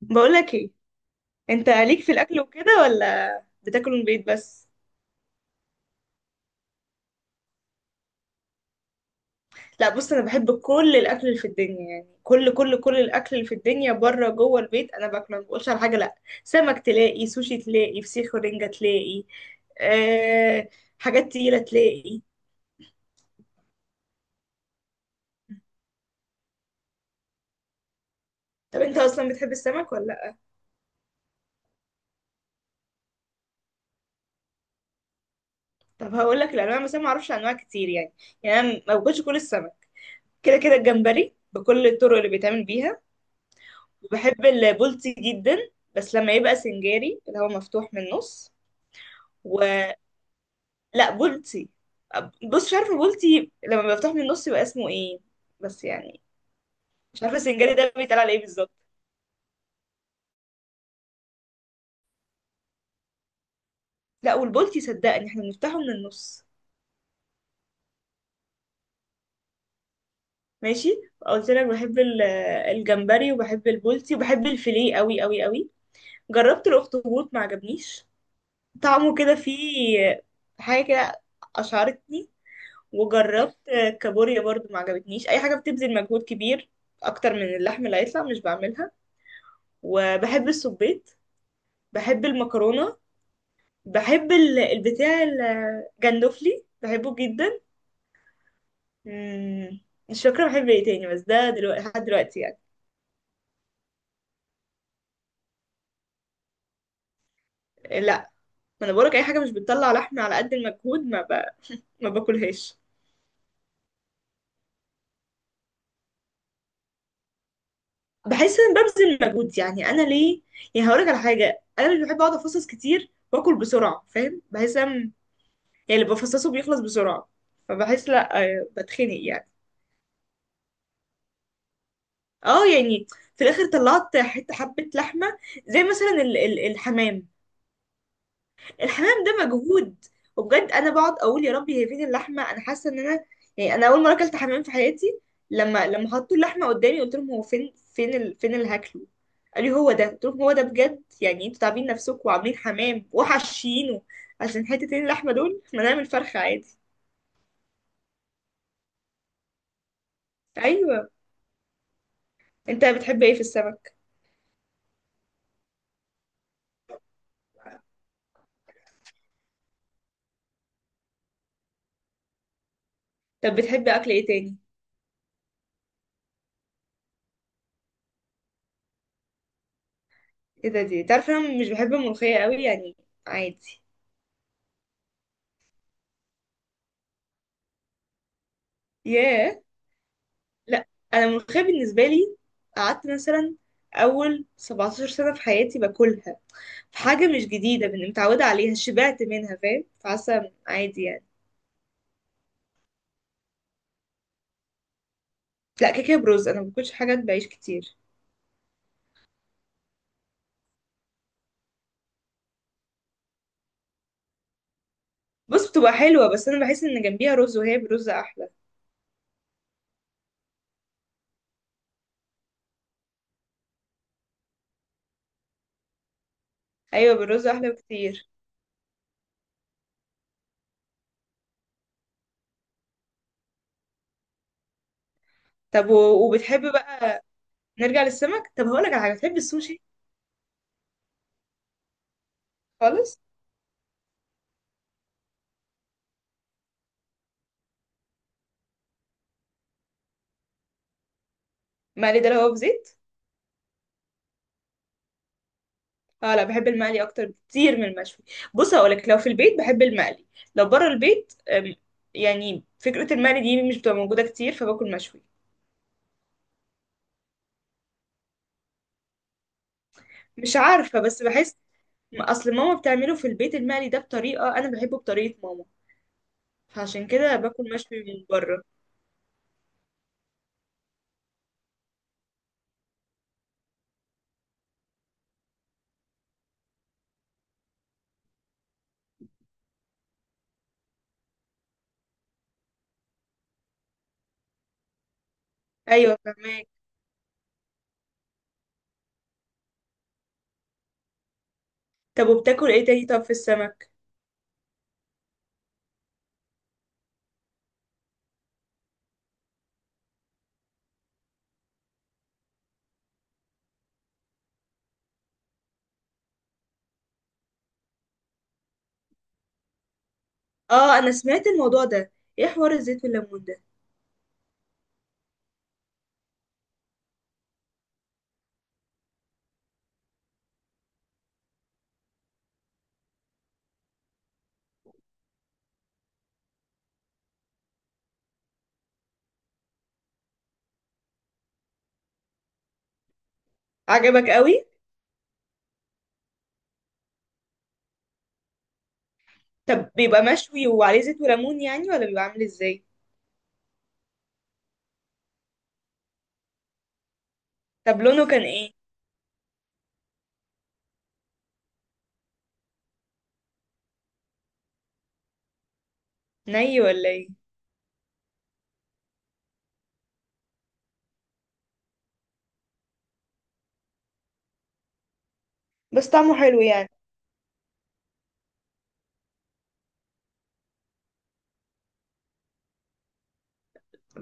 بقولك ايه؟ انت ليك في الاكل وكده ولا بتاكل من البيت بس؟ لا، بص، انا بحب كل الاكل اللي في الدنيا، يعني كل كل كل الاكل اللي في الدنيا، بره جوه البيت انا باكله، ما بقولش على حاجه لا. سمك تلاقي، سوشي تلاقي، فسيخ ورنجه تلاقي. أه. حاجات تقيله تلاقي. طب انت اصلا بتحب السمك ولا لا؟ طب هقول لك الانواع، بس انا ما اعرفش انواع كتير يعني. يعني انا ما باكلش كل السمك. كده كده الجمبري بكل الطرق اللي بيتعمل بيها. بحب البولتي جدا، بس لما يبقى سنجاري اللي هو مفتوح من النص. ولا. بولتي. بص، مش عارفه بولتي لما بيبقى مفتوح من النص يبقى اسمه ايه، بس يعني. مش عارفه السنجاري ده بيتقال على ايه بالظبط. لا، والبولتي صدقني احنا بنفتحه من النص. ماشي. قلت لك بحب الجمبري وبحب البولتي وبحب الفيليه قوي قوي قوي. جربت الاخطبوط ما عجبنيش. طعمه كده فيه حاجه كده، اشعرتني. وجربت كابوريا برضو ما عجبتنيش. اي حاجه بتبذل مجهود كبير اكتر من اللحم اللي هيطلع مش بعملها. وبحب السبيت. بحب المكرونه. بحب البتاع الجندوفلي بحبه جدا. مم، مش فاكره بحب ايه تاني، بس ده دلوقتي لحد دلوقتي يعني. لا، ما انا بقولك اي حاجه مش بتطلع لحم على قد المجهود ما باكلهاش. بحس ان ببذل مجهود، يعني انا ليه؟ يعني هقولك على حاجه، انا مش بحب اقعد افصص كتير واكل بسرعه، فاهم، بحس ان يعني اللي بفصصه بيخلص بسرعة، فبحس لا بتخنق يعني. اه يعني في الاخر طلعت حته حبه لحمه. زي مثلا الحمام. الحمام ده مجهود. وبجد انا بقعد اقول يا ربي هي فين اللحمه، انا حاسه ان انا يعني. انا اول مره اكلت حمام في حياتي، لما حطوا اللحمه قدامي قلت لهم هو فين، فين فين اللي هاكله. قال لي هو ده، قلت لهم هو ده بجد؟ يعني انتوا تعبين نفسكم وعاملين حمام وحشينه عشان حتتين اللحمه دول؟ ما نعمل فرخه عادي. ايوه. انت بتحب ايه في السمك؟ طب بتحبي اكل ايه تاني؟ ايه ده؟ دي تعرف انا مش بحب الملوخيه قوي يعني، عادي. ياه. لا، انا الملوخيه بالنسبه لي قعدت مثلا اول 17 سنه في حياتي باكلها، في حاجه مش جديده، من متعوده عليها شبعت منها فاهم، فحاسه عادي يعني. لا كيكه، برز. انا ما باكلش حاجات بعيش كتير. بص بتبقى حلوه بس انا بحس ان جنبيها رز وهي برز احلى. ايوه بالرز احلى بكتير. طب وبتحب بقى، نرجع للسمك، طب هقولك على حاجه، بتحب السوشي؟ خالص. مقلي ده اللي هو بزيت؟ اه، لا بحب المقلي اكتر بكتير من المشوي. بص هقولك، لو في البيت بحب المقلي، لو بره البيت يعني فكرة المقلي دي مش بتبقى موجودة كتير، فباكل مشوي. مش عارفة بس بحس اصل ماما بتعمله في البيت، المقلي ده بطريقة انا بحبه بطريقة ماما، فعشان كده باكل مشوي من بره. ايوه فهماك. طب وبتاكل ايه تاني، طب في السمك؟ اه انا سمعت الموضوع ده. ايه حوار الزيت والليمون ده؟ عجبك قوي. طب بيبقى مشوي وعليه زيت وليمون يعني ولا بيبقى عامل ازاي؟ طب لونه كان ايه؟ ني ولا ايه؟ بس طعمه حلو يعني.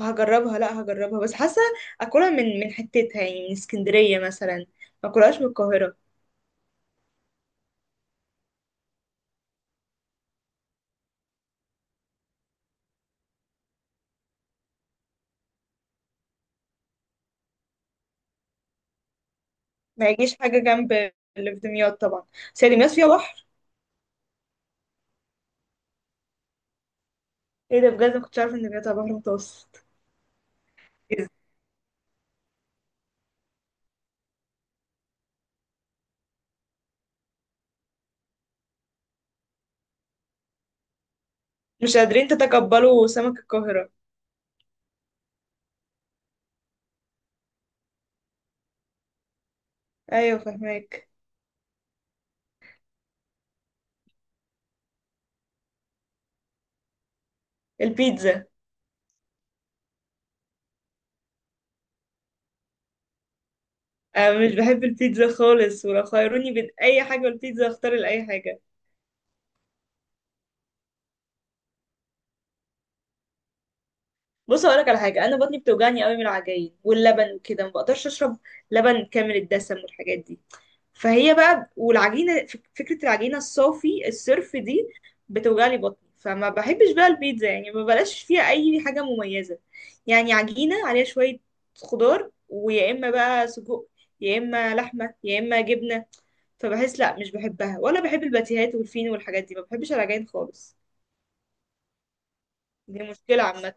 هجربها، لا هجربها بس حاسه اكلها من حتتها، يعني من اسكندريه مثلا، ما اكلهاش من القاهره. ما يجيش حاجه جنب اللي في دمياط طبعا. بس هي دمياط فيها بحر. ايه ده، بجد؟ ما كنتش عارفه ان دمياط على بحر متوسط. إز- مش قادرين تتقبلوا سمك القاهره. ايوه فهماك. البيتزا. انا مش بحب البيتزا خالص، ولو خيروني بين اي حاجه والبيتزا اختار لاي حاجه. بص اقول لك على حاجه، انا بطني بتوجعني قوي من العجاين واللبن وكده، ما بقدرش اشرب لبن كامل الدسم والحاجات دي. فهي بقى والعجينه فكره العجينه الصافي الصرف دي بتوجع لي بطني، فما بحبش بقى البيتزا يعني، ما بلاش فيها اي حاجه مميزه. يعني عجينه عليها شويه خضار ويا اما بقى سجق يا اما لحمه يا اما جبنه، فبحس لا مش بحبها. ولا بحب الباتيهات والفينو والحاجات دي، ما بحبش العجائن خالص. دي مشكله عامه.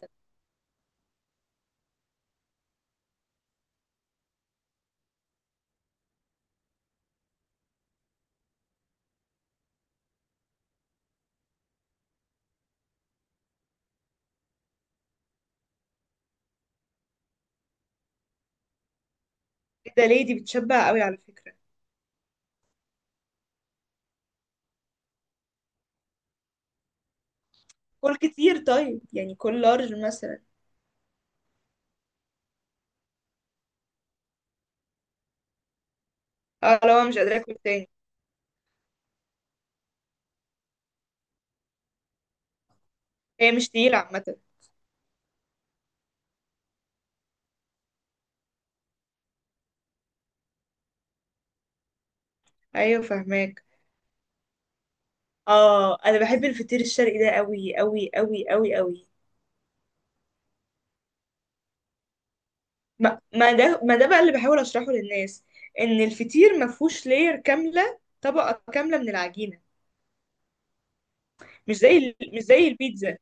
كده ليه؟ دي بتشبع قوي على فكره. كل كتير طيب، يعني كل لارج مثلا. اه، لو أنا مش قادره اكل تاني. هي مش تقيله عامه. ايوه فهماك. اه انا بحب الفطير الشرقي ده قوي قوي قوي قوي قوي. ما ده بقى اللي بحاول اشرحه للناس، ان الفطير ما فيهوش لاير كامله طبقه كامله من العجينه، مش زي مش زي البيتزا.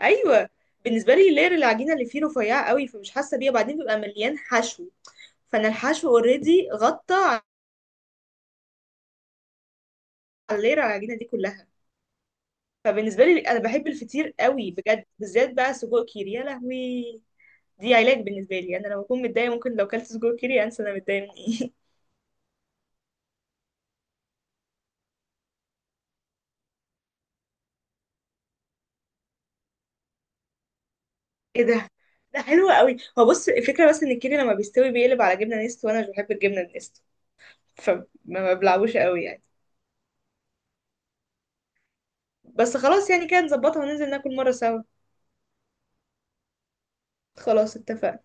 ايوه بالنسبه لي لاير العجينه اللي فيه رفيعه قوي، فمش حاسه بيها، وبعدين بيبقى مليان حشو، فانا الحشو اوريدي غطى على لاير العجينه دي كلها. فبالنسبه لي انا بحب الفطير قوي بجد، بالذات بقى سجق كيري، يا لهوي. دي علاج بالنسبه لي، انا لما اكون متضايقه ممكن لو كلت سجق كيري انسى انا متضايقه من ايه. ايه ده؟ ده حلو قوي. هو بص الفكره بس ان الكيري لما بيستوي بيقلب على جبنه نستو، وانا مش بحب الجبنه النستو، فما بلعبوش قوي يعني. بس خلاص يعني كده نظبطها وننزل ناكل مره سوا. خلاص اتفقنا.